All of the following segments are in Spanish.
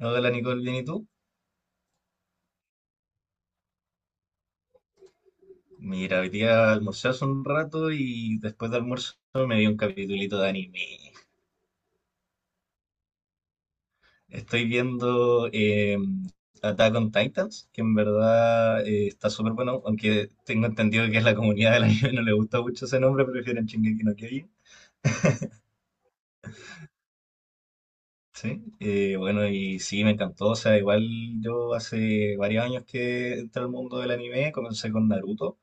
Hola Nicole, ¿bien y tú? Mira, hoy día almorcé hace un rato y después de almuerzo me vi un capitulito de anime. Estoy viendo Attack on Titans, que en verdad está súper bueno, aunque tengo entendido que a la comunidad del anime no le gusta mucho ese nombre, prefieren Shingeki no Kyojin. Sí, bueno, y sí, me encantó. O sea, igual yo hace varios años que entré al mundo del anime, comencé con Naruto.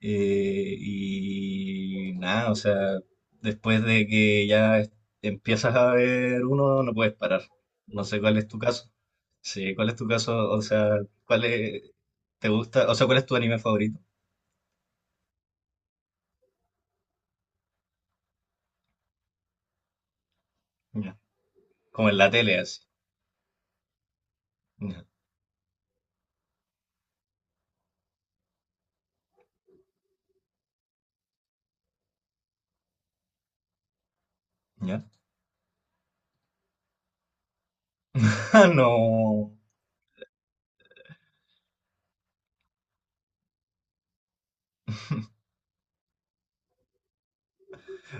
Y nada, o sea, después de que ya es- empiezas a ver uno, no puedes parar. No sé cuál es tu caso. Sí, ¿cuál es tu caso? O sea, ¿cuál es, ¿te gusta? O sea, ¿cuál es tu anime favorito? Ya. Como en la tele, así. Ya. ¿Ya? No.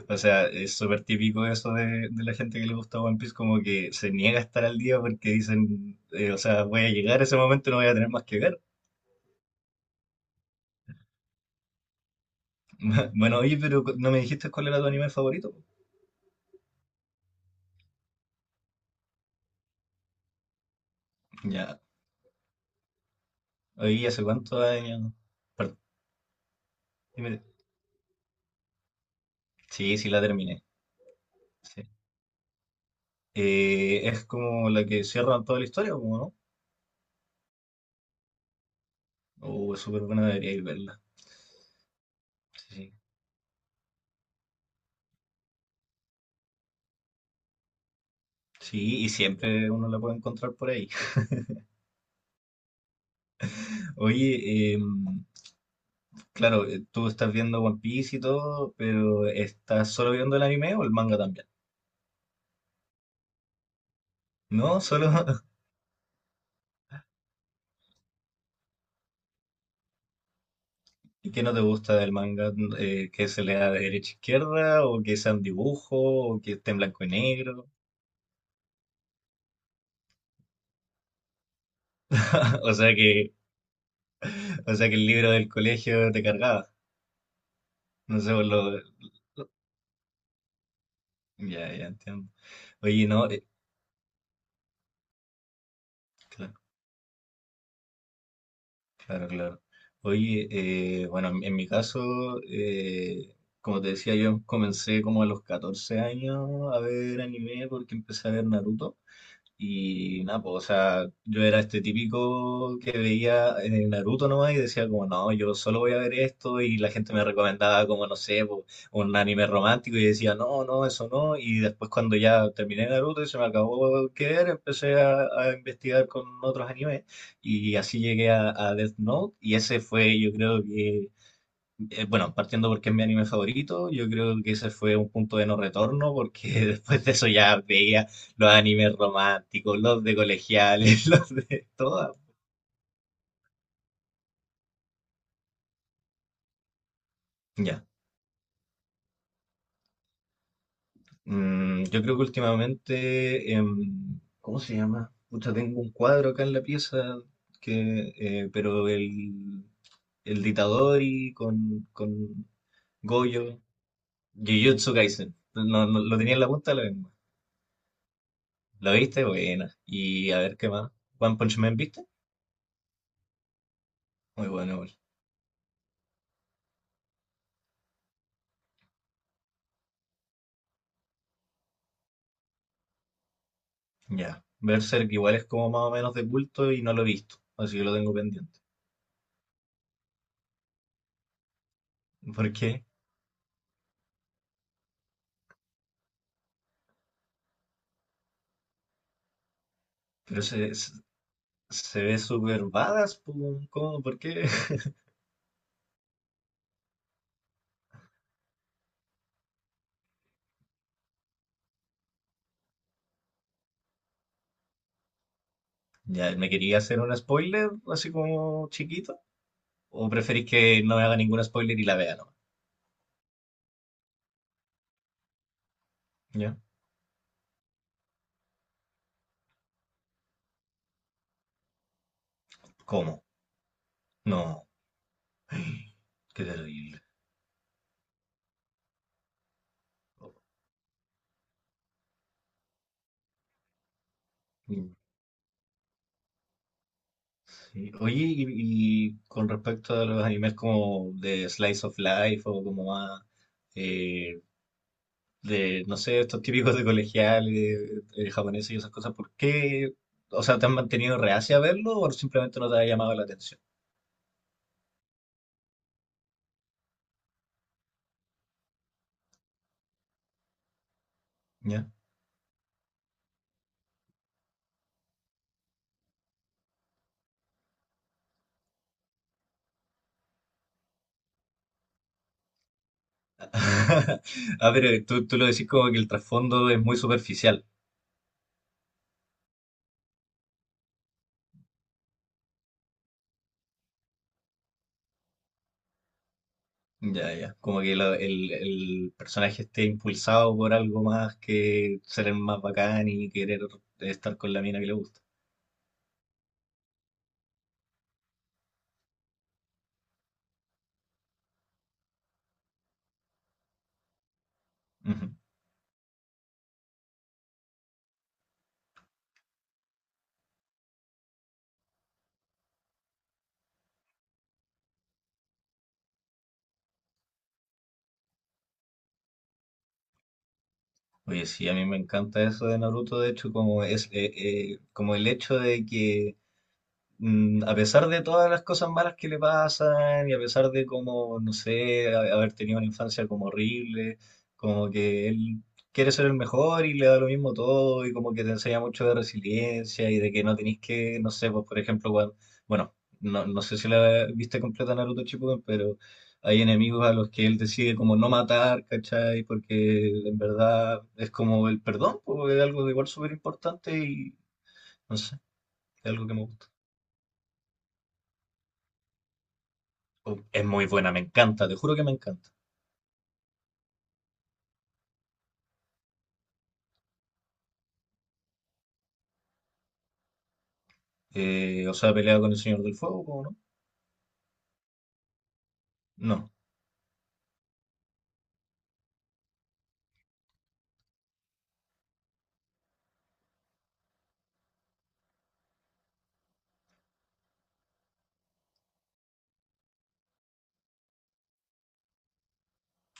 O sea, es súper típico eso de la gente que le gusta One Piece, como que se niega a estar al día porque dicen, o sea, voy a llegar a ese momento y no voy a tener más que ver. Bueno, oye, pero no me dijiste cuál era tu anime favorito. Ya. Hoy hace cuántos años. Par- dime- Sí, sí la terminé. Sí. Es como la que cierra toda la historia, ¿o ¿no? O es súper buena, debería ir verla. Sí, sí. Sí, y siempre uno la puede encontrar por ahí. Oye, claro, tú estás viendo One Piece y todo, pero ¿estás solo viendo el anime o el manga también? No, solo. ¿Y qué no te gusta del manga? ¿Que se lea de derecha a izquierda? ¿O que sean dibujos? ¿O que esté en blanco y negro? O sea que O sea que el libro del colegio te cargaba. No sé, por lo... Ya, ya entiendo. Oye, no, cla- claro, claro. Oye, bueno, en mi caso, eh, como te decía, yo comencé como a los 14 años a ver anime porque empecé a ver Naruto. Y nada, pues, o sea, yo era este típico que veía en Naruto nomás y decía como, no, yo solo voy a ver esto y la gente me recomendaba como, no sé, po, un anime romántico y decía, no, no, eso no. Y después cuando ya terminé Naruto y se me acabó que ver, empecé a investigar con otros animes y así llegué a Death Note y ese fue, yo creo que bueno, partiendo porque es mi anime favorito, yo creo que ese fue un punto de no retorno, porque después de eso ya veía los animes románticos, los de colegiales, los de todas. Ya. Yo creo que últimamente, ¿cómo se llama? Pucha, tengo un cuadro acá en la pieza, pero el de Itadori con Goyo, Jujutsu Kaisen, lo tenía en la punta de la lengua. ¿Lo viste? Buena. Y a ver qué más. One Punch Man, ¿viste? Muy bueno, igual. Ya. Berserk igual es como más o menos de culto y no lo he visto, así que lo tengo pendiente. ¿Por qué? Pero se ve súper badass, pu, ¿cómo? ¿Por qué? Ya, ¿me quería hacer un spoiler así como chiquito? ¿O preferís que no me haga ningún spoiler y la vea nomás? ¿Ya? ¿Cómo? No, qué terrible. Mm, sí. Oye, y con respecto a los animes como de Slice of Life o como más eh, de, no sé, estos típicos de colegiales, japoneses y esas cosas, ¿por qué? O sea, ¿te han mantenido reacia a verlo o simplemente no te ha llamado la atención? Ya. Ah, pero tú lo decís como que el trasfondo es muy superficial. Ya, ya. Como que el personaje esté impulsado por algo más que ser el más bacán y querer estar con la mina que le gusta. Ujú. Oye, sí, a mí me encanta eso de Naruto, de hecho, como es como el hecho de que a pesar de todas las cosas malas que le pasan y a pesar de como, no sé, haber tenido una infancia como horrible, como que él quiere ser el mejor y le da lo mismo todo y como que te enseña mucho de resiliencia y de que no tenés que, no sé, pues por ejemplo, bueno, no sé si la viste completa Naruto Shippuden, pero hay enemigos a los que él decide como no matar, ¿cachai? Porque en verdad es como el perdón, pues es algo igual súper importante y no sé, es algo que me gusta. Es muy buena, me encanta, te juro que me encanta. O sea, pelea con el Señor del Fuego, ¿cómo no? No,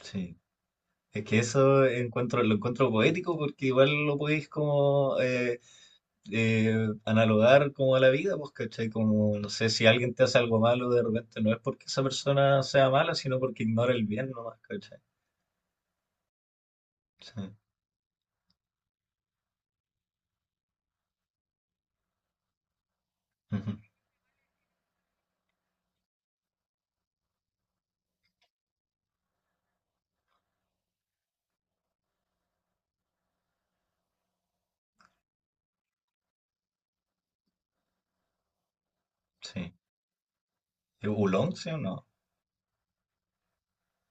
sí. Es que eso encuentro, lo encuentro poético porque igual lo podéis como analogar como a la vida, pues, ¿cachai? Como, no sé, si alguien te hace algo malo de repente, no es porque esa persona sea mala, sino porque ignora el bien nomás, ¿cachai? Sí. Ujú, sí. ¿Oolong, sí o no?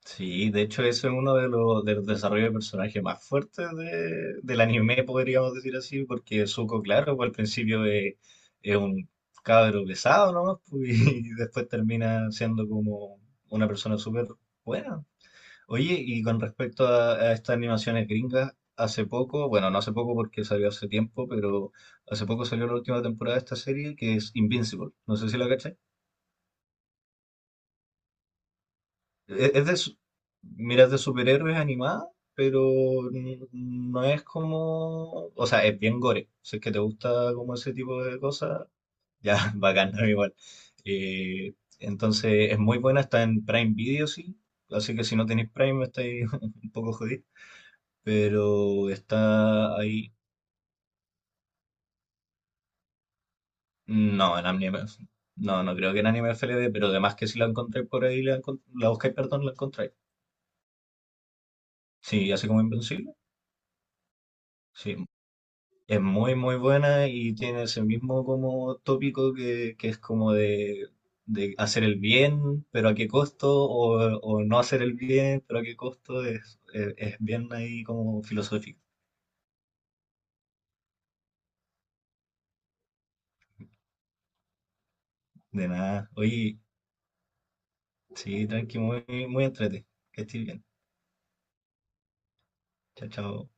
Sí, de hecho eso es uno de de los desarrollos de personaje más fuertes del anime, podríamos decir así, porque Zuko, claro, pues, al principio es un cabro pesado, ¿no? y después termina siendo como una persona súper buena. Oye, y con respecto a estas animaciones gringas, hace poco, bueno, no hace poco porque salió hace tiempo, pero hace poco salió la última temporada de esta serie que es Invincible. No sé si la cachai. e- Es de, su- Mira, es de superhéroes animada, pero no es como, o sea, es bien gore. Si es que te gusta como ese tipo de cosas, ya, bacán, ¿no? Igual. Entonces, es muy buena, está en Prime Video, sí. Así que si no tenéis Prime, estáis un poco jodidos. Pero está ahí. No, en anime. No, no creo que en anime FLV, pero además que si la encontráis por ahí, la buscáis, perdón, la encontráis. Sí, así como Invencible. Sí, es muy, muy buena y tiene ese mismo como tópico que es como de hacer el bien, pero a qué costo, o no hacer el bien, pero a qué costo, es bien ahí como filosófico. De nada. Oye, sí, tranqui, muy, muy entrete. Que estés bien. Chao, chao.